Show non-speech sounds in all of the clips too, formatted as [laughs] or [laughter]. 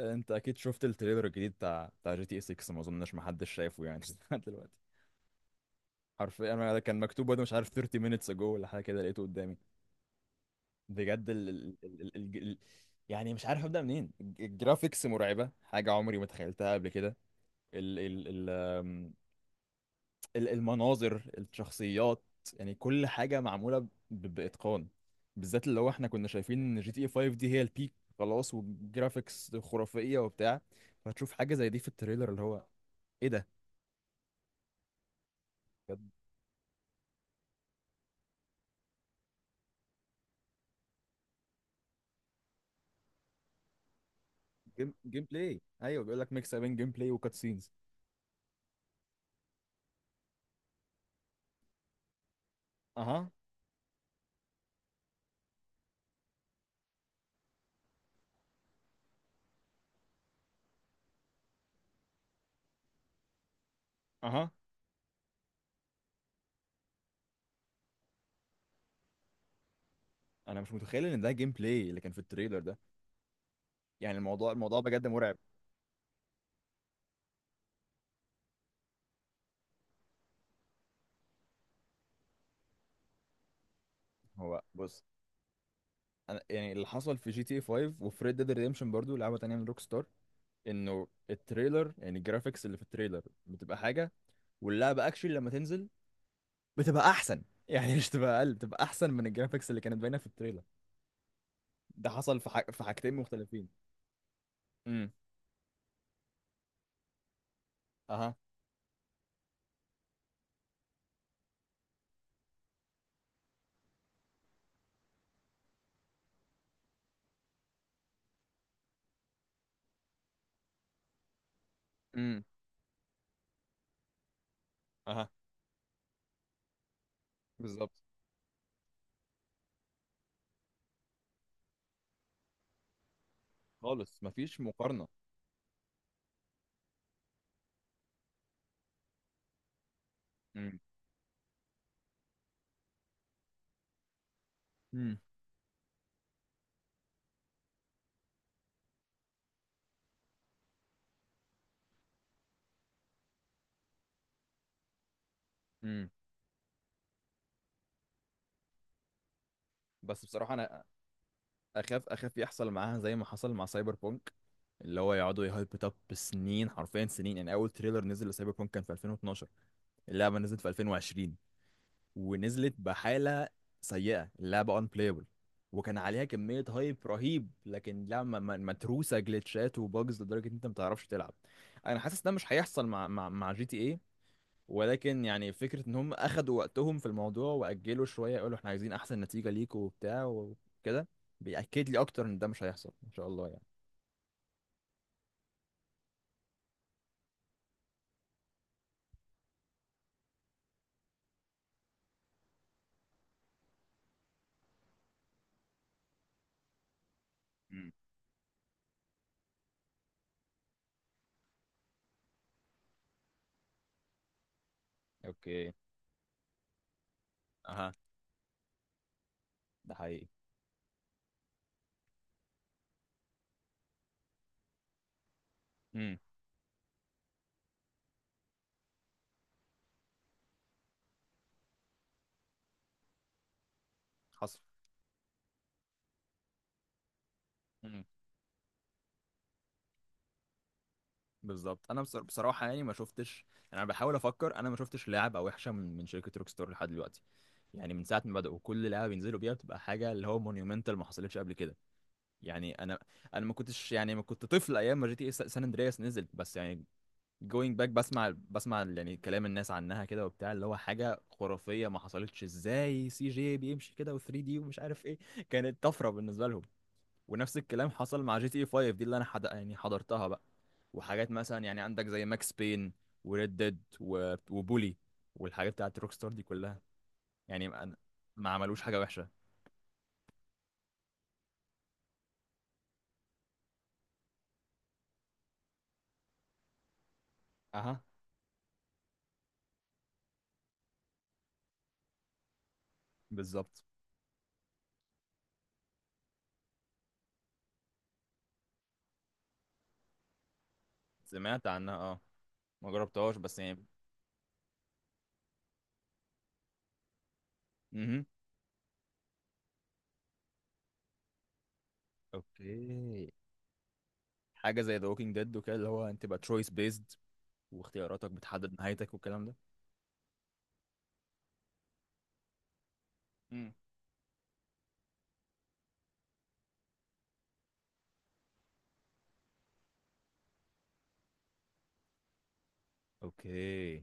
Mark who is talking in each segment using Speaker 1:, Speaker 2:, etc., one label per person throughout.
Speaker 1: انت اكيد شفت التريلر الجديد بتاع جي تي اي 6، ما اظنش محدش شايفه يعني [laughs] لحد دلوقتي. حرفيا انا ده كان مكتوب وانا مش عارف 30 minutes ago ولا حاجه كده، لقيته قدامي. بجد يعني مش عارف ابدا منين، الجرافيكس مرعبه، حاجه عمري ما تخيلتها قبل كده. ال... ال... المناظر، الشخصيات، يعني كل حاجة معمولة بإتقان، بالذات اللي هو احنا كنا شايفين ان جي تي اي 5 دي هي البيك، خلاص والجرافيكس خرافية وبتاع، فتشوف حاجة زي دي في التريلر اللي هو ايه ده؟ كانت جيم بلاي. ايوه، بيقول لك ميكس بين جيم بلاي وكات سينز. اها، اها. انا مش متخيل ان ده جيم بلاي اللي كان في التريلر ده، يعني الموضوع بجد مرعب. هو بص، انا يعني اللي حصل في جي تي اي 5 وفي ريد ديد ريديمشن، برضو لعبة تانية من روك ستار، انه التريلر، يعني الجرافيكس اللي في التريلر، بتبقى حاجه، واللعبه اكشلي لما تنزل بتبقى احسن. [laughs] يعني مش تبقى اقل، بتبقى احسن من الجرافيكس اللي كانت باينه في التريلر. ده حصل في في حاجتين مختلفين. امم. اها. امم. اها. بالظبط، خالص مفيش مقارنه. امم. امم. امم. بس بصراحه انا اخاف يحصل معاها زي ما حصل مع سايبر بونك، اللي هو يقعدوا يهايب اب بسنين، حرفيا سنين. يعني اول تريلر نزل لسايبر بونك كان في 2012، اللعبه نزلت في 2020 ونزلت بحالة سيئة، اللعبة unplayable، وكان عليها كمية هايب رهيب، لكن لعبة متروسة جلitchات وباجز لدرجة ان انت ما تعرفش تلعب. انا حاسس ده مش هيحصل مع جي تي ايه، ولكن يعني فكرة ان هم اخدوا وقتهم في الموضوع واجلوا شوية يقولوا احنا عايزين احسن نتيجة ليكوا وبتاع وكده، بيأكد لي اكتر ان ده مش هيحصل ان شاء الله يعني. مم. اوكي. اها، ده حقيقي. مم. حصل. بالظبط، انا بصراحه يعني ما شفتش، يعني انا بحاول افكر، انا ما شفتش لعبه وحشه من شركه روك ستار لحد دلوقتي. يعني من ساعه ما بداوا، كل لعبه بينزلوا بيها بتبقى حاجه اللي هو مونيومنتال، ما حصلتش قبل كده. يعني انا ما كنتش، يعني ما كنت طفل ايام ما جي تي سان اندرياس نزلت، بس يعني جوينج باك، بسمع بسمع يعني كلام الناس عنها كده وبتاع، اللي هو حاجه خرافيه، ما حصلتش، ازاي سي جي بيمشي كده و3 دي ومش عارف ايه. كانت طفره بالنسبه لهم. ونفس الكلام حصل مع جي تي اي 5 دي اللي انا يعني حضرتها بقى. وحاجات مثلا، يعني عندك زي ماكس بين وريد ديد وبولي والحاجات بتاعت روك ستار دي كلها، يعني ما عملوش حاجة وحشة. اها. بالظبط. سمعت عنها اه، ما جربتهاش بس يعني. امم. اوكي. حاجة زي ذا ووكينج ديد وكده، اللي هو انت بقى تشويس بيزد، واختياراتك بتحدد نهايتك والكلام ده. امم. اوكي.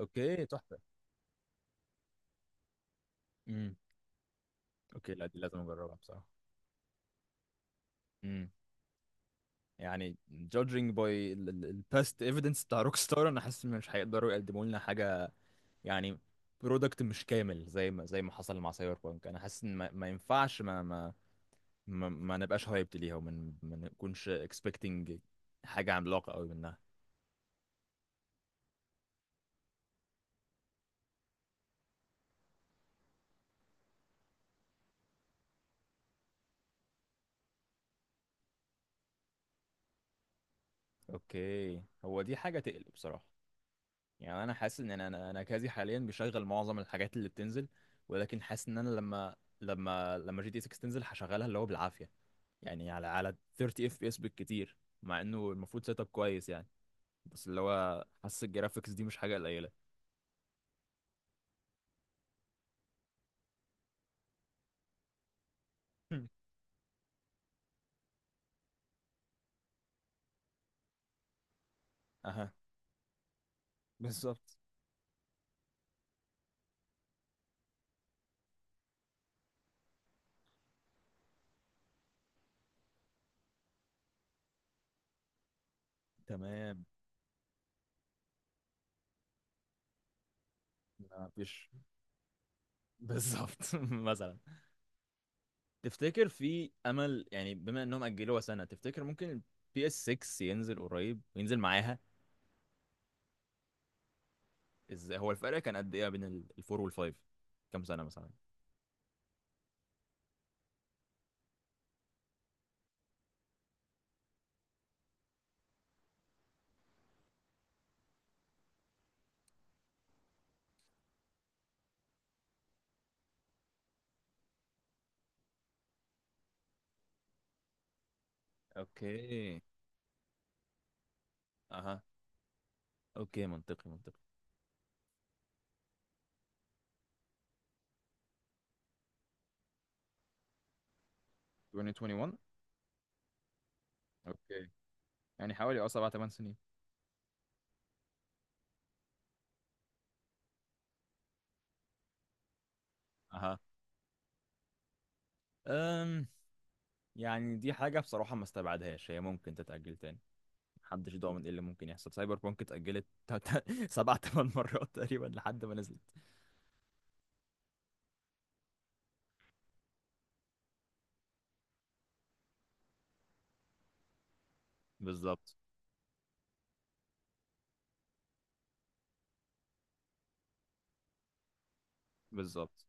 Speaker 1: اوكي، تحفة. امم. اوكي، لا دي لازم اجربها بصراحة. مم. يعني judging by past evidence بتاع روك ستار، انا حاسس ان مش هيقدروا يقدموا لنا حاجه، يعني برودكت مش كامل، زي ما حصل مع سايبر بانك. انا حاسس ان ما ينفعش، ما نبقاش هايبت ليها، وما ما نكونش expecting حاجه عملاقه قوي منها. اوكي، هو دي حاجه تقلق بصراحه. يعني انا حاسس ان انا كازي حاليا بشغل معظم الحاجات اللي بتنزل، ولكن حاسس ان انا لما جي تي 6 تنزل هشغلها اللي هو بالعافيه، يعني على 30 اف بي اس بالكتير، مع انه المفروض سيت اب كويس يعني. بس اللي هو، حاسس الجرافيكس دي مش حاجه قليله. [laughs] اها، بالظبط. تمام، ما فيش. بالظبط. [laughs] مثلا، تفتكر في امل؟ يعني بما انهم اجلوها سنه، تفتكر ممكن البي اس 6 ينزل قريب وينزل معاها؟ ازاي؟ هو الفرق كان قد ايه بين الفور والفايف، كام سنه مثلا؟ اوكي، اها. اوكي، منطقي منطقي. 2021. اوكي، يعني حوالي 7 8 سنين. اها. أم. يعني دي حاجة بصراحة ما استبعدهاش، هي ممكن تتأجل تاني، محدش ضامن ايه اللي ممكن يحصل. سايبر بانك اتأجلت [laughs] سبع تمن مرات تقريبا لحد ما نزلت. بالظبط. بالظبط.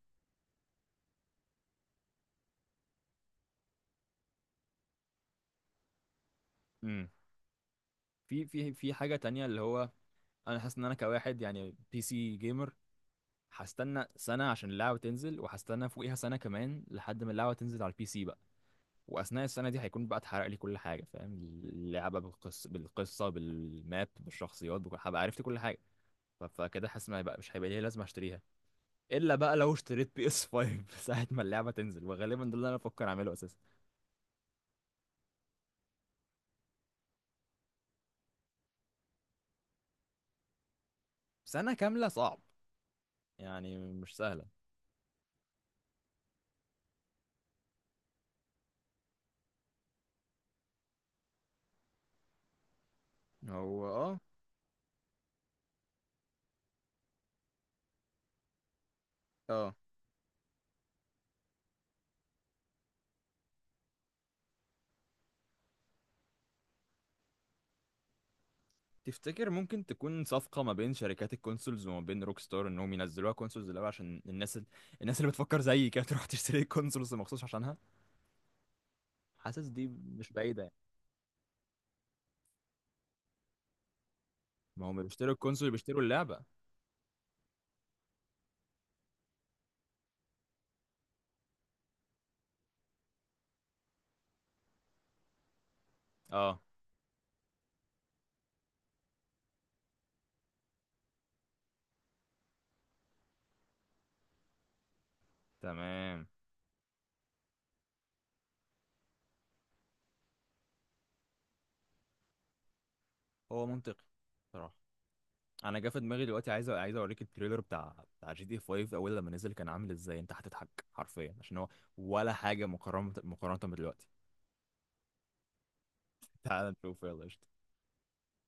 Speaker 1: امم. في حاجة تانية اللي هو، انا حاسس ان انا كواحد يعني بي سي جيمر، هستنى سنة عشان اللعبة تنزل، وهستنى فوقيها سنة كمان لحد ما اللعبة تنزل على البي سي بقى، وأثناء السنة دي هيكون بقى اتحرق لي كل حاجة، فاهم؟ اللعبة بالقصة بالقصة، بالماب، بالشخصيات، بكل، هبقى عرفت كل حاجة. فكده حاسس ما هيبقى مش هيبقى ليا لازمة اشتريها، الا بقى لو اشتريت بي اس 5 [laughs] ساعه ما اللعبه تنزل، وغالبا ده اللي انا بفكر اعمله اساسا. سنه كامله صعب، يعني مش سهله. هو اه، اه، تفتكر ممكن تكون صفقه ما بين شركات الكونسولز وما بين روك ستار، انهم ينزلوها كونسولز الاول عشان الناس اللي بتفكر زيي كده [laughs] تروح تشتري الكونسولز مخصوص عشانها؟ حاسس دي مش بعيده يعني. ما هم بيشتروا الكونسول، بيشتروا اللعبه. اه. تمام. هو منطقي صراحه. انا جه في دماغي دلوقتي، عايز اوريك التريلر بتاع جي تي 5 اول لما نزل كان عامل ازاي، انت هتضحك حرفيا، عشان هو ولا حاجه مقارنه مقارنه بدلوقتي. تعال نشوف، يلا قشطة.